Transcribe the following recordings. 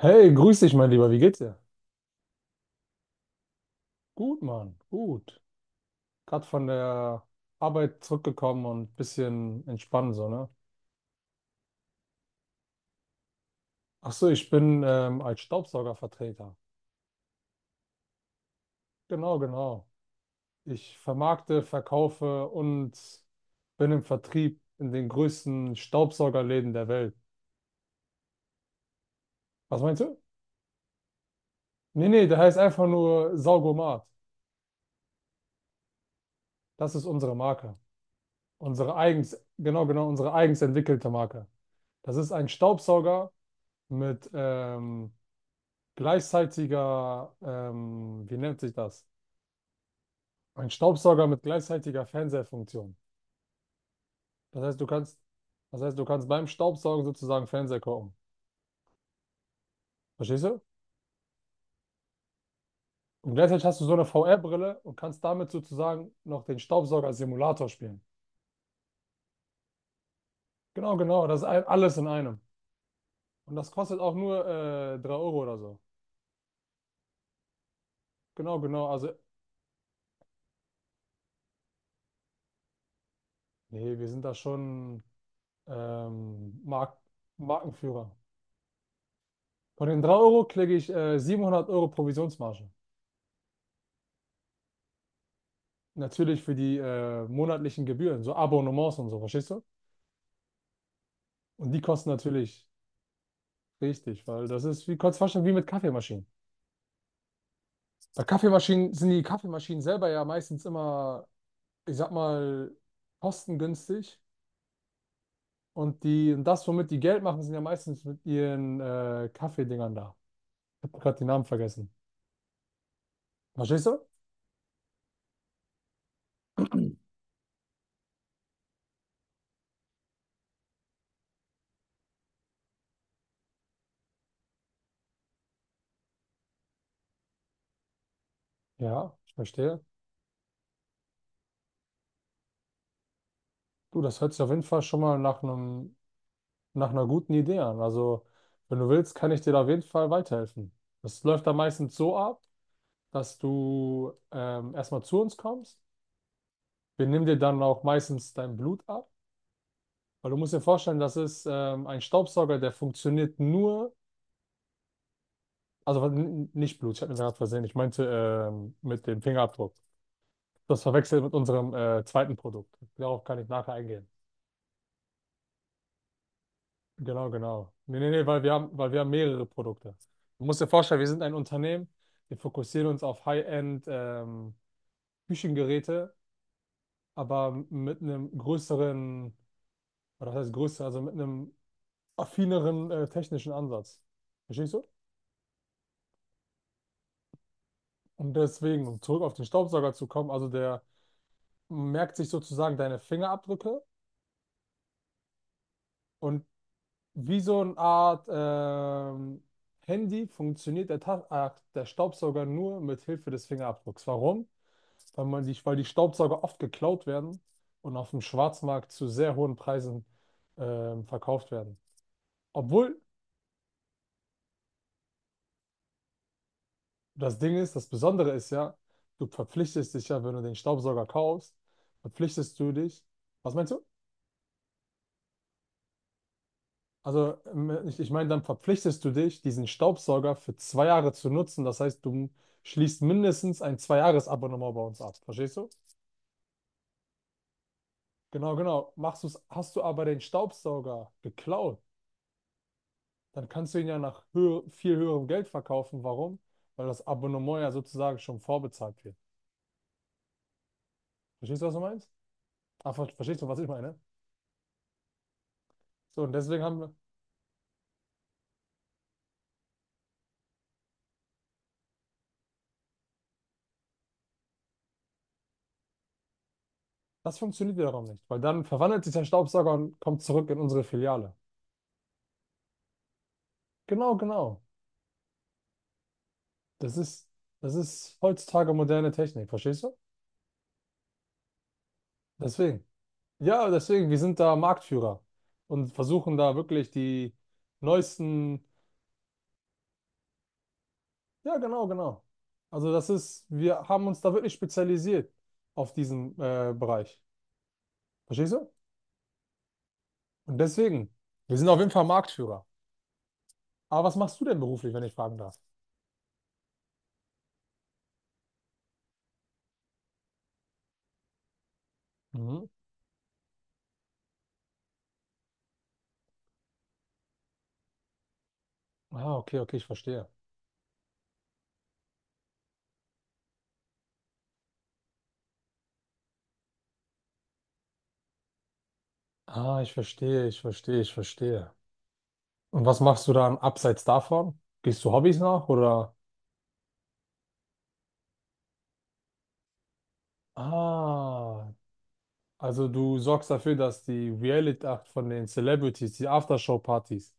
Hey, grüß dich, mein Lieber. Wie geht's dir? Gut, Mann. Gut. Gerade von der Arbeit zurückgekommen und ein bisschen entspannen, so, ne? Ach so, ich bin als Staubsaugervertreter. Genau, genau. Ich vermarkte, verkaufe und bin im Vertrieb in den größten Staubsaugerläden der Welt. Was meinst du? Nee, nee, der heißt einfach nur Saugomat. Das ist unsere Marke. Unsere eigens, genau, genau, unsere eigens entwickelte Marke. Das ist ein Staubsauger mit gleichzeitiger, wie nennt sich das? Ein Staubsauger mit gleichzeitiger Fernsehfunktion. Das heißt, du kannst, Das heißt, du kannst beim Staubsaugen sozusagen Fernseher gucken. Verstehst du? Und gleichzeitig hast du so eine VR-Brille und kannst damit sozusagen noch den Staubsauger als Simulator spielen. Genau, genau, das ist ein, alles in einem. Und das kostet auch nur 3 € oder so. Genau, genau, also, nee, wir sind da schon ähm, Mark Markenführer. Von den 3 € kriege ich 700 € Provisionsmarge. Natürlich für die monatlichen Gebühren, so Abonnements und so, verstehst du? Und die kosten natürlich richtig, weil das ist wie kurz fast schon wie mit Kaffeemaschinen. Bei Kaffeemaschinen sind die Kaffeemaschinen selber ja meistens immer, ich sag mal, kostengünstig. Und das, womit die Geld machen, sind ja meistens mit ihren Kaffeedingern da. Ich habe gerade die Namen vergessen. Verstehst du? Ja, ich verstehe. Du, das hört sich auf jeden Fall schon mal nach einer guten Idee an. Also, wenn du willst, kann ich dir da auf jeden Fall weiterhelfen. Das läuft dann meistens so ab, dass du erstmal zu uns kommst. Wir nehmen dir dann auch meistens dein Blut ab, weil du musst dir vorstellen, das ist ein Staubsauger, der funktioniert nur, also nicht Blut, ich habe mir gerade versehen, ich meinte mit dem Fingerabdruck. Das verwechselt mit unserem zweiten Produkt. Darauf kann ich nachher eingehen. Genau, genau. Nee, nee, nee, weil wir haben mehrere Produkte. Du musst dir vorstellen, wir sind ein Unternehmen, wir fokussieren uns auf High-End Küchengeräte, aber mit einem größeren, oder das heißt größer, also mit einem affineren technischen Ansatz. Verstehst du? Und deswegen, um zurück auf den Staubsauger zu kommen, also der merkt sich sozusagen deine Fingerabdrücke und wie so eine Art Handy funktioniert der Staubsauger nur mit Hilfe des Fingerabdrucks. Warum? Weil die Staubsauger oft geklaut werden und auf dem Schwarzmarkt zu sehr hohen Preisen verkauft werden. Obwohl das Ding ist, das Besondere ist ja, du verpflichtest dich ja, wenn du den Staubsauger kaufst, verpflichtest du dich. Was meinst du? Also ich meine, dann verpflichtest du dich, diesen Staubsauger für 2 Jahre zu nutzen. Das heißt, du schließt mindestens ein Zwei-Jahres-Abonnement bei uns ab. Verstehst du? Genau, genau. Machst du's, hast du aber den Staubsauger geklaut, dann kannst du ihn ja nach viel höherem Geld verkaufen. Warum? Weil das Abonnement ja sozusagen schon vorbezahlt wird. Verstehst du, was du meinst? Ah, verstehst du, was ich meine? So, und deswegen das funktioniert wiederum nicht, weil dann verwandelt sich dein Staubsauger und kommt zurück in unsere Filiale. Genau, genau. Das ist, das ist heutzutage moderne Technik, verstehst du? Deswegen. Ja, deswegen, wir sind da Marktführer und versuchen da wirklich die neuesten. Ja, genau, genau. Also das ist, wir haben uns da wirklich spezialisiert auf diesen Bereich. Verstehst du? Und deswegen, wir sind auf jeden Fall Marktführer. Aber was machst du denn beruflich, wenn ich fragen darf? Mhm. Ah, okay, okay, ich verstehe. Ah, ich verstehe, ich verstehe, ich verstehe. Und was machst du dann abseits davon? Gehst du Hobbys nach oder? Ah, also du sorgst dafür, dass die Reality Act von den Celebrities, die Aftershow-Partys,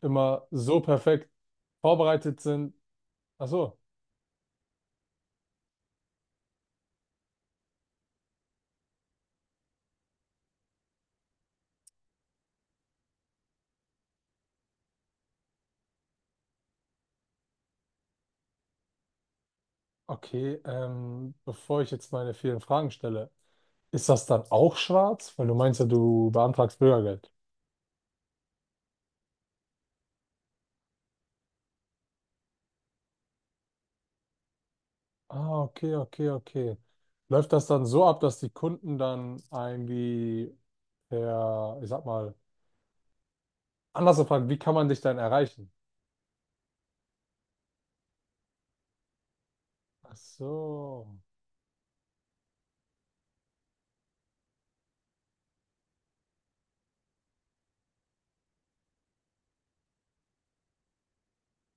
immer so perfekt vorbereitet sind. Ach so, okay. Bevor ich jetzt meine vielen Fragen stelle, ist das dann auch schwarz? Weil du meinst ja, du beantragst Bürgergeld. Ah, okay, okay, okay. Läuft das dann so ab, dass die Kunden dann irgendwie per, ich sag mal, anders gefragt, wie kann man dich dann erreichen? Ach so,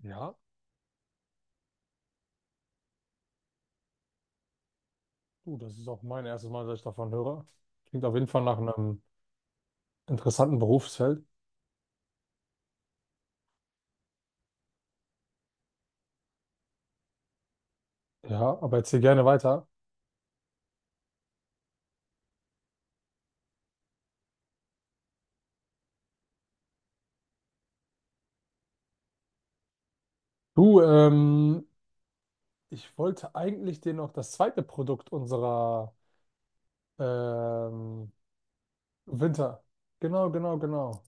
ja. Du, das ist auch mein erstes Mal, dass ich davon höre. Klingt auf jeden Fall nach einem interessanten Berufsfeld. Ja, aber erzähl gerne weiter. Du, ich wollte eigentlich dir noch das zweite Produkt unserer ähm, Winter. Genau, genau, genau.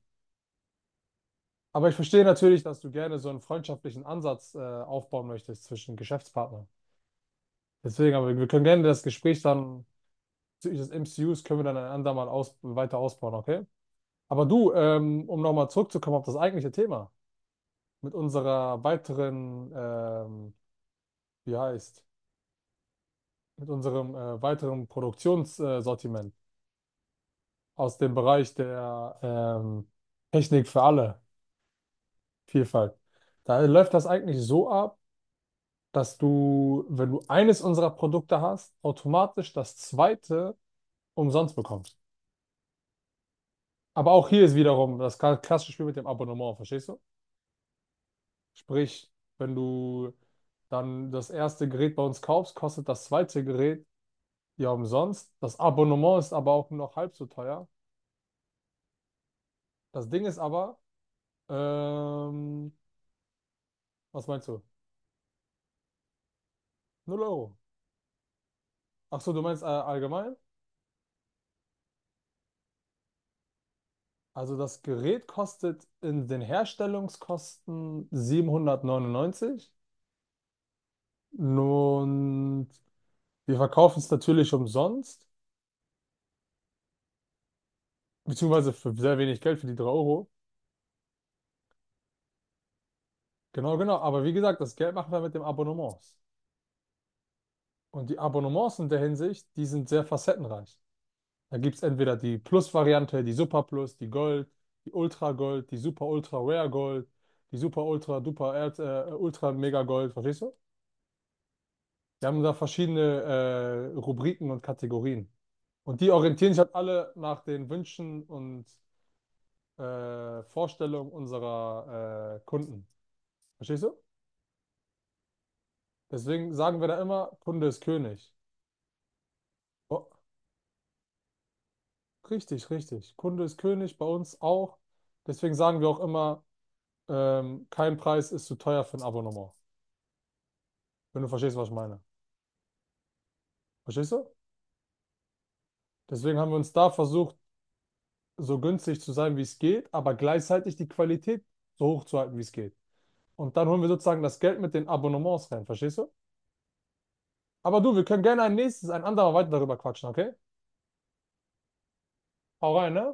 Aber ich verstehe natürlich, dass du gerne so einen freundschaftlichen Ansatz aufbauen möchtest zwischen Geschäftspartnern. Deswegen, aber wir können gerne das Gespräch dann bezüglich des M C Us können wir dann ein andermal aus weiter ausbauen, okay? Aber du, um nochmal zurückzukommen auf das eigentliche Thema. Mit wie heißt, mit unserem weiteren Produktionssortiment Sortiment aus dem Bereich der Technik für alle Vielfalt. Da läuft das eigentlich so ab, dass du, wenn du eines unserer Produkte hast, automatisch das zweite umsonst bekommst. Aber auch hier ist wiederum das klassische Spiel mit dem Abonnement, verstehst du? Sprich, wenn du dann das erste Gerät bei uns kaufst, kostet das zweite Gerät Ja, umsonst. Das Abonnement ist aber auch noch halb so teuer. Das Ding ist aber, ähm, was meinst du? Null Euro. Ach so, du meinst allgemein? Also das Gerät kostet in den Herstellungskosten 799 und wir verkaufen es natürlich umsonst, beziehungsweise für sehr wenig Geld, für die 3 Euro. Genau, genau. Aber wie gesagt, das Geld machen wir mit dem Abonnements. Und die Abonnements in der Hinsicht, die sind sehr facettenreich. Da gibt es entweder die Plus-Variante, die Super Plus, die Gold, die Ultra Gold, die Super Ultra Rare Gold, die Super Ultra Duper Ultra Mega Gold, verstehst du? Wir haben da verschiedene Rubriken und Kategorien. Und die orientieren sich halt alle nach den Wünschen und Vorstellungen unserer Kunden. Verstehst du? Deswegen sagen wir da immer, Kunde ist König. Oh, richtig, richtig. Kunde ist König, bei uns auch. Deswegen sagen wir auch immer, kein Preis ist zu teuer für ein Abonnement. Wenn du verstehst, was ich meine. Verstehst du? Deswegen haben wir uns da versucht, so günstig zu sein, wie es geht, aber gleichzeitig die Qualität so hoch zu halten, wie es geht. Und dann holen wir sozusagen das Geld mit den Abonnements rein, verstehst du? Aber du, wir können gerne ein andermal weiter darüber quatschen, okay? Hau rein, ne?